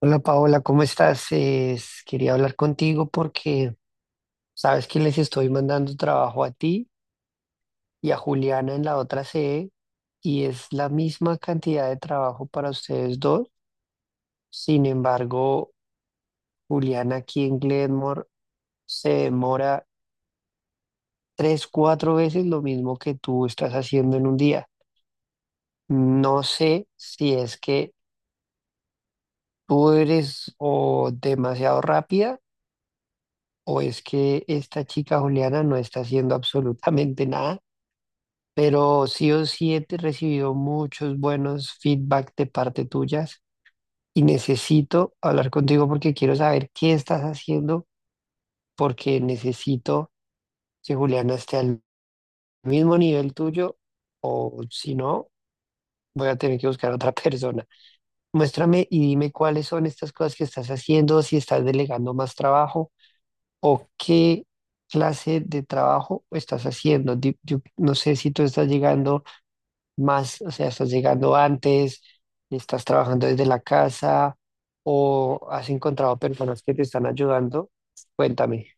Hola Paola, ¿cómo estás? Quería hablar contigo porque sabes que les estoy mandando trabajo a ti y a Juliana en la otra sede y es la misma cantidad de trabajo para ustedes dos. Sin embargo, Juliana aquí en Glenmore se demora tres, cuatro veces lo mismo que tú estás haciendo en un día. No sé si es que tú eres o demasiado rápida o es que esta chica Juliana no está haciendo absolutamente nada, pero sí o sí he recibido muchos buenos feedback de parte tuyas y necesito hablar contigo porque quiero saber qué estás haciendo, porque necesito que Juliana esté al mismo nivel tuyo o, si no, voy a tener que buscar a otra persona. Muéstrame y dime cuáles son estas cosas que estás haciendo, si estás delegando más trabajo o qué clase de trabajo estás haciendo. Yo no sé si tú estás llegando más, o sea, estás llegando antes, estás trabajando desde la casa o has encontrado personas que te están ayudando. Cuéntame.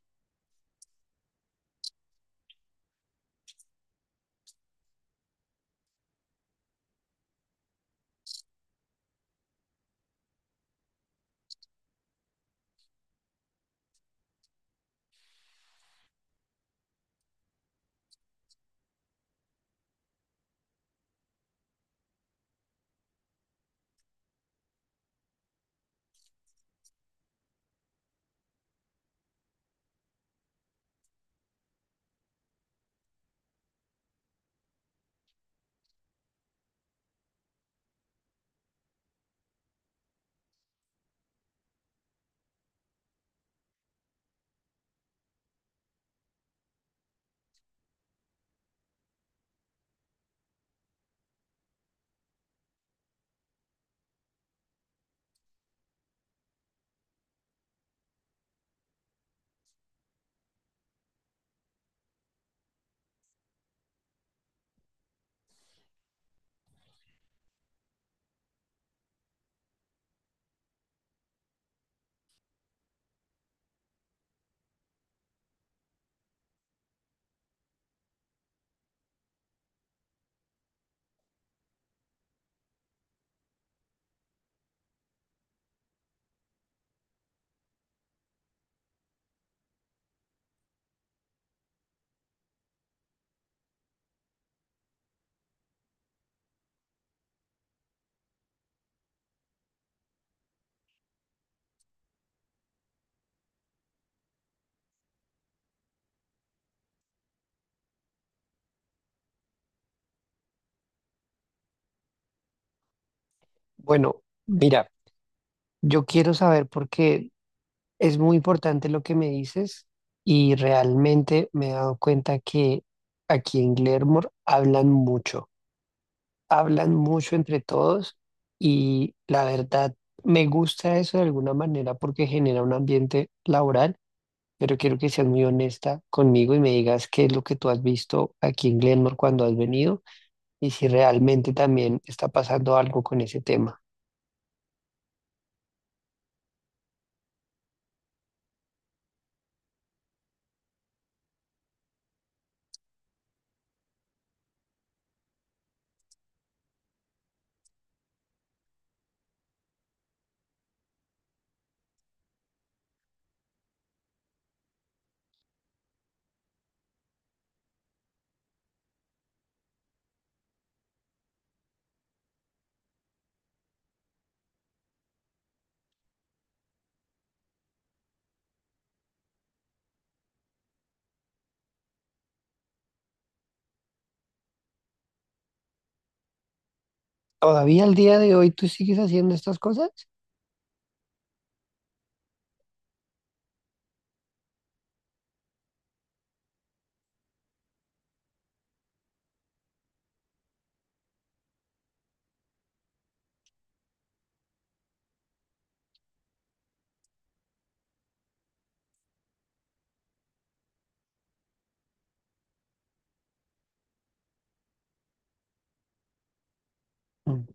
Bueno, mira, yo quiero saber porque es muy importante lo que me dices y realmente me he dado cuenta que aquí en Glenmore hablan mucho entre todos y la verdad me gusta eso de alguna manera porque genera un ambiente laboral, pero quiero que seas muy honesta conmigo y me digas qué es lo que tú has visto aquí en Glenmore cuando has venido y si realmente también está pasando algo con ese tema. ¿Todavía al día de hoy tú sigues haciendo estas cosas? Mm.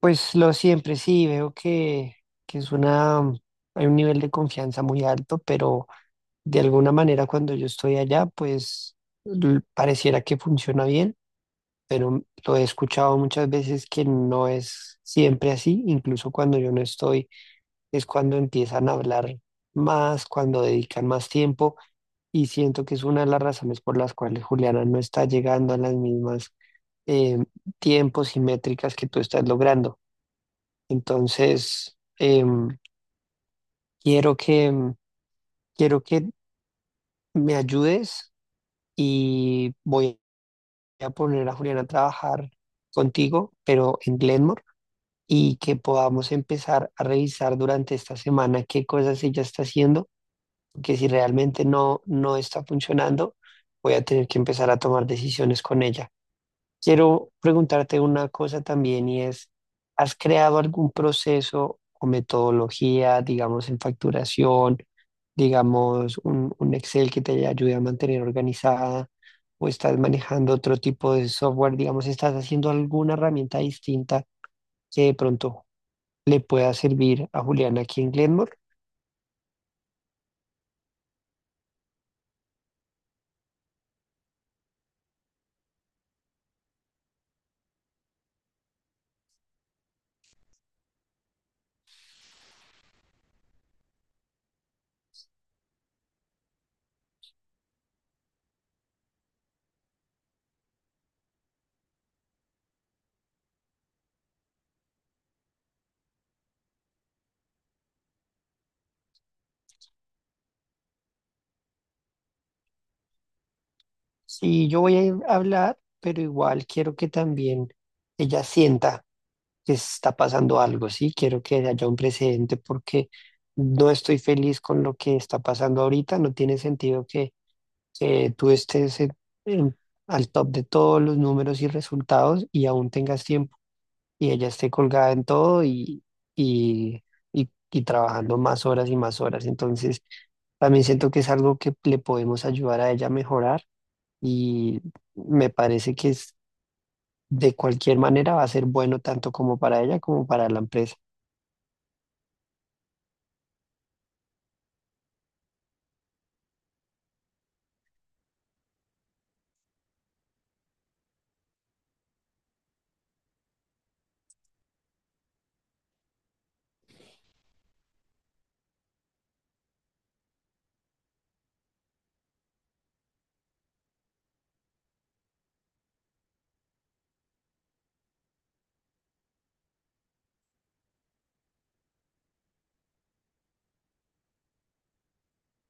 Pues lo siempre, sí, veo que es una, hay un nivel de confianza muy alto, pero de alguna manera cuando yo estoy allá, pues pareciera que funciona bien, pero lo he escuchado muchas veces que no es siempre así, incluso cuando yo no estoy es cuando empiezan a hablar más, cuando dedican más tiempo y siento que es una de las razones por las cuales Juliana no está llegando a las mismas eh, tiempos y métricas que tú estás logrando. Entonces, quiero quiero que me ayudes y voy a poner a Juliana a trabajar contigo, pero en Glenmore, y que podamos empezar a revisar durante esta semana qué cosas ella está haciendo, que si realmente no, no está funcionando, voy a tener que empezar a tomar decisiones con ella. Quiero preguntarte una cosa también y es, ¿has creado algún proceso o metodología, digamos, en facturación, digamos, un Excel que te ayude a mantener organizada, o estás manejando otro tipo de software, digamos, estás haciendo alguna herramienta distinta que de pronto le pueda servir a Juliana aquí en Glenmore? Sí, yo voy a hablar, pero igual quiero que también ella sienta que está pasando algo, ¿sí? Quiero que haya un precedente porque no estoy feliz con lo que está pasando ahorita. No tiene sentido que tú estés en- al top de todos los números y resultados y aún tengas tiempo y ella esté colgada en todo y, y trabajando más horas y más horas. Entonces, también siento que es algo que le podemos ayudar a ella a mejorar y me parece que es, de cualquier manera, va a ser bueno tanto como para ella como para la empresa.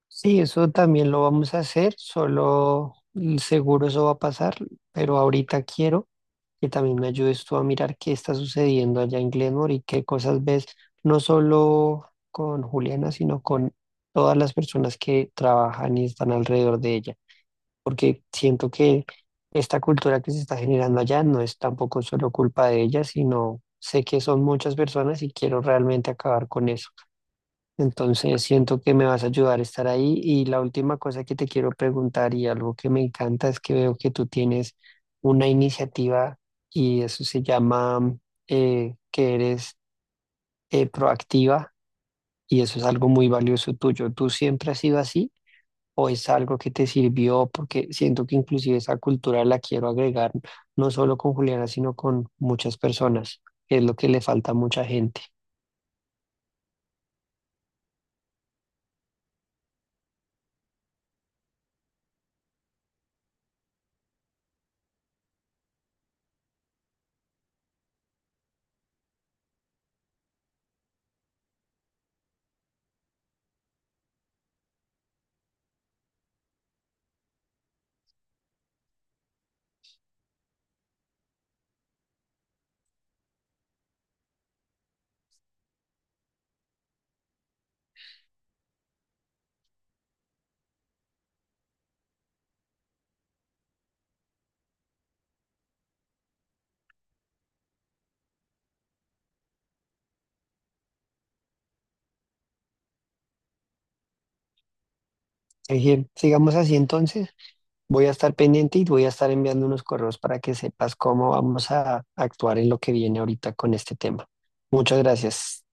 Sí, eso también lo vamos a hacer, solo seguro eso va a pasar, pero ahorita quiero que también me ayudes tú a mirar qué está sucediendo allá en Glenmore y qué cosas ves, no solo con Juliana, sino con todas las personas que trabajan y están alrededor de ella. Porque siento que esta cultura que se está generando allá no es tampoco solo culpa de ella, sino sé que son muchas personas y quiero realmente acabar con eso. Entonces siento que me vas a ayudar a estar ahí. Y la última cosa que te quiero preguntar, y algo que me encanta, es que veo que tú tienes una iniciativa y eso se llama que eres proactiva, y eso es algo muy valioso tuyo. ¿Tú siempre has sido así? ¿O es algo que te sirvió? Porque siento que inclusive esa cultura la quiero agregar no solo con Juliana, sino con muchas personas, que es lo que le falta a mucha gente. Sigamos así entonces, voy a estar pendiente y voy a estar enviando unos correos para que sepas cómo vamos a actuar en lo que viene ahorita con este tema. Muchas gracias.